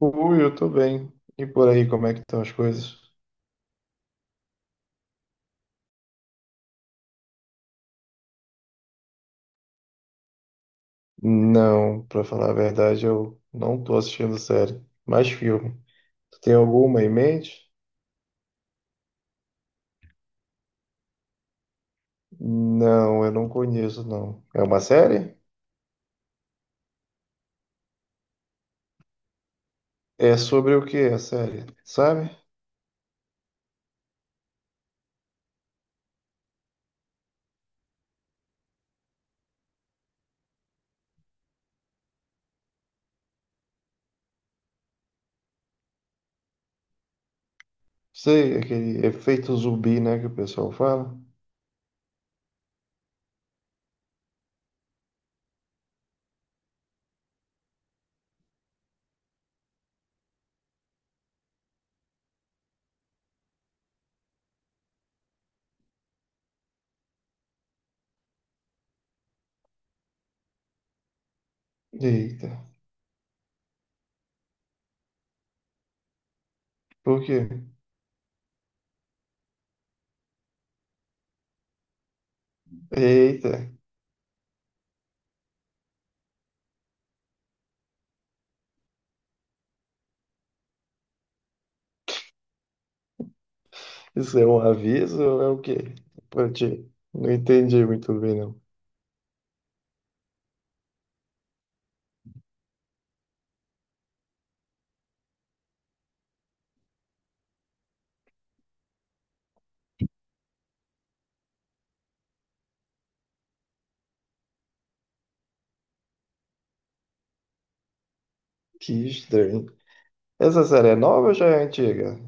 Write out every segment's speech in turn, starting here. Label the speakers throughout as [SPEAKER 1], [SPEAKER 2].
[SPEAKER 1] Ui, eu tô bem. E por aí, como é que estão as coisas? Não, pra falar a verdade, eu não tô assistindo série, mas filme. Tu tem alguma em mente? Não, eu não conheço, não. É uma série? É sobre o que a série, sabe? Sei, aquele efeito zumbi, né, que o pessoal fala. Eita, por quê? Eita, isso é um aviso ou é o quê? Pra ti? Não entendi muito bem, não. Que estranho. Essa série é nova ou já é antiga?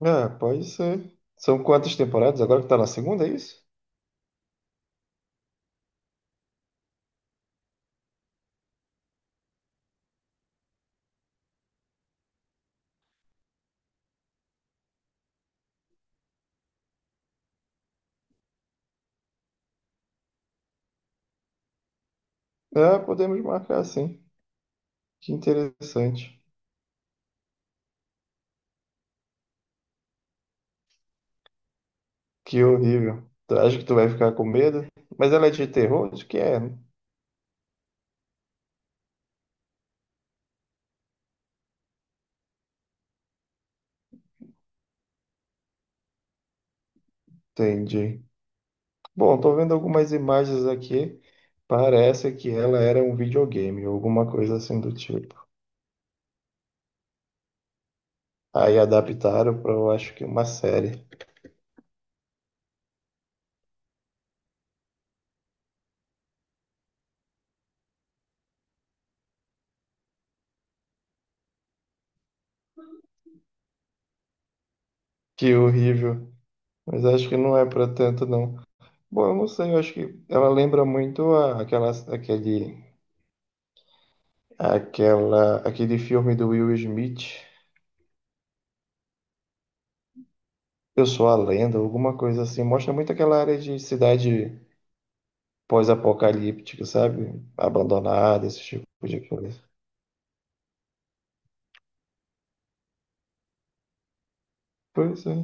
[SPEAKER 1] É, pode ser. São quantas temporadas? Agora que tá na segunda, é isso? É, podemos marcar sim. Que interessante. Que horrível. Tu acha que tu vai ficar com medo? Mas ela é de terror? De que é? Entendi. Bom, tô vendo algumas imagens aqui. Parece que ela era um videogame, alguma coisa assim do tipo. Aí adaptaram para eu acho que uma série. Que horrível. Mas acho que não é para tanto, não. Bom, eu não sei, eu acho que ela lembra muito a, aquela, aquele Aquela, aquele filme do Will Smith, Eu Sou a Lenda, alguma coisa assim, mostra muito aquela área de cidade pós-apocalíptica, sabe? Abandonada, esse tipo de coisa. Pois é.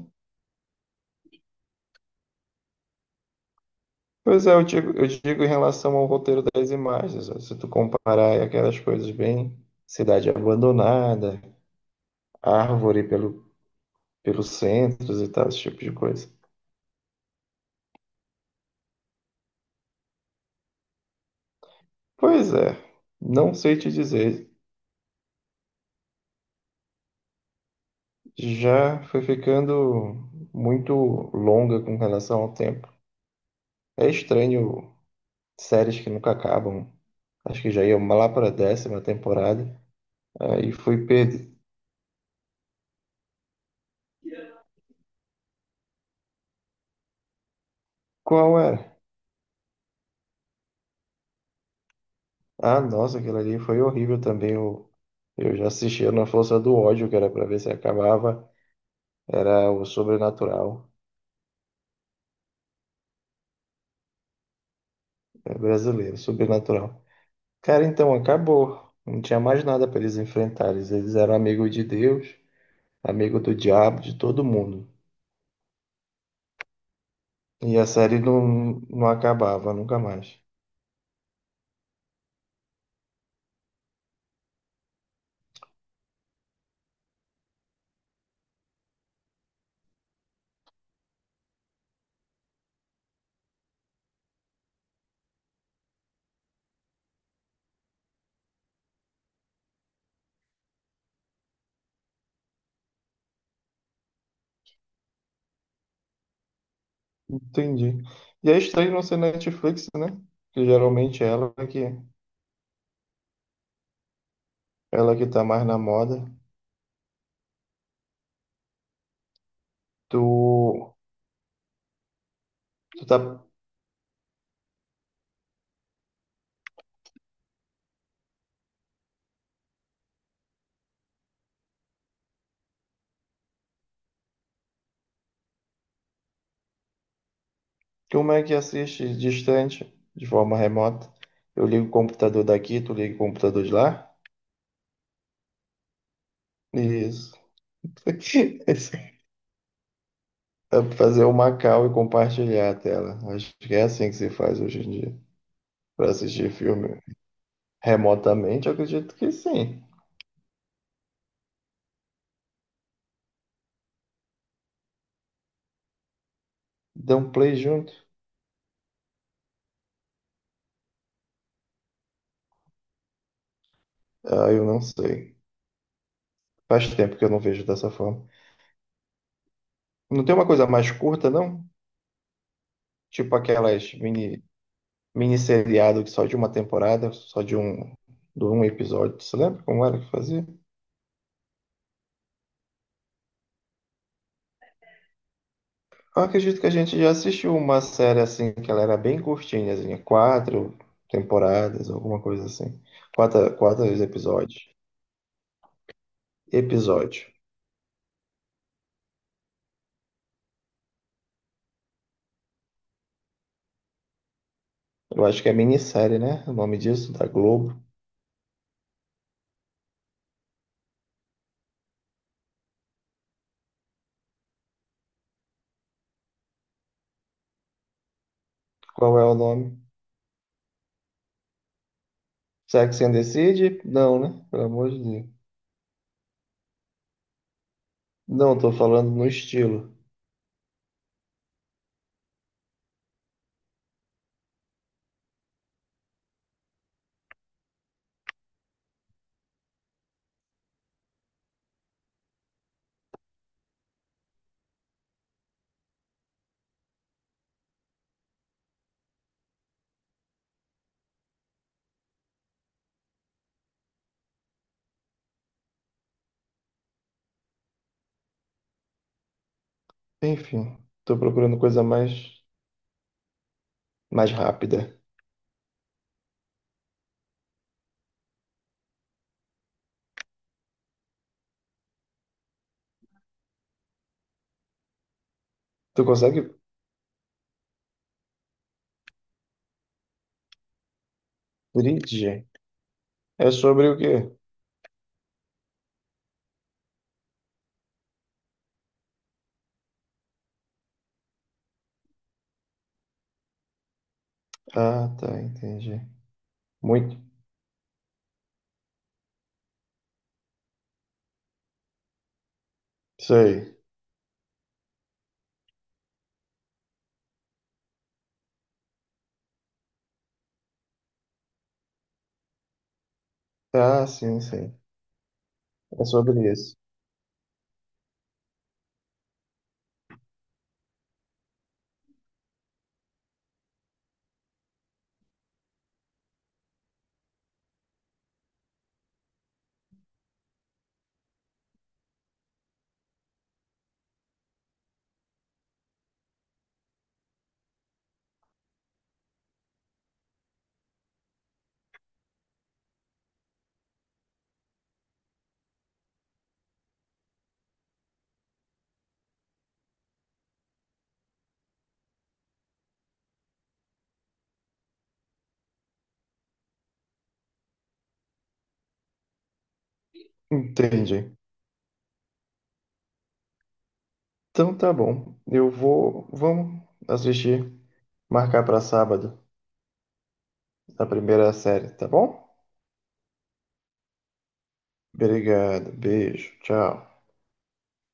[SPEAKER 1] Pois é, eu digo em relação ao roteiro das imagens, ó, se tu comparar aí aquelas coisas bem cidade abandonada, árvore pelos centros e tal, esse tipo de coisa. Pois é, não sei te dizer, já foi ficando muito longa com relação ao tempo. É estranho séries que nunca acabam. Acho que já ia lá para a décima temporada. Aí fui perder. Qual era? Ah, nossa, aquilo ali foi horrível também. Eu já assistia na Força do Ódio, que era para ver se acabava. Era o Sobrenatural. É brasileiro, Sobrenatural. Cara, então acabou. Não tinha mais nada para eles enfrentarem. Eles eram amigos de Deus, amigo do diabo, de todo mundo. E a série não acabava nunca mais. Entendi. E é estranho não ser Netflix, né? Porque geralmente é ela que tá mais na moda. Tu, tu tá, como é que assiste distante, de forma remota? Eu ligo o computador daqui, tu liga o computador de lá? Isso. Dá pra fazer uma call e compartilhar a tela. Acho que é assim que se faz hoje em dia. Para assistir filme remotamente, eu acredito que sim. Dá um play junto. Ah, eu não sei. Faz tempo que eu não vejo dessa forma. Não tem uma coisa mais curta, não? Tipo aquelas mini seriado que só de uma temporada, só de um episódio. Você lembra como era que fazia? Eu acredito que a gente já assistiu uma série assim, que ela era bem curtinha, assim, quatro temporadas, alguma coisa assim. Quatro episódios. Episódio. Eu acho que é minissérie, né? O nome disso, da Globo. Qual é o nome? Sex and the City? Não, né? Pelo amor de Deus. Não, tô falando no estilo. Enfim, tô procurando coisa mais rápida. Tu consegue? Bridge? É sobre o quê? Ah, tá, entendi. Muito. Sei. Ah, sim, sim. É sobre isso. Entendi. Então tá bom. Eu vou. Vamos assistir. Marcar pra sábado a primeira série, tá bom? Obrigado. Beijo. Tchau.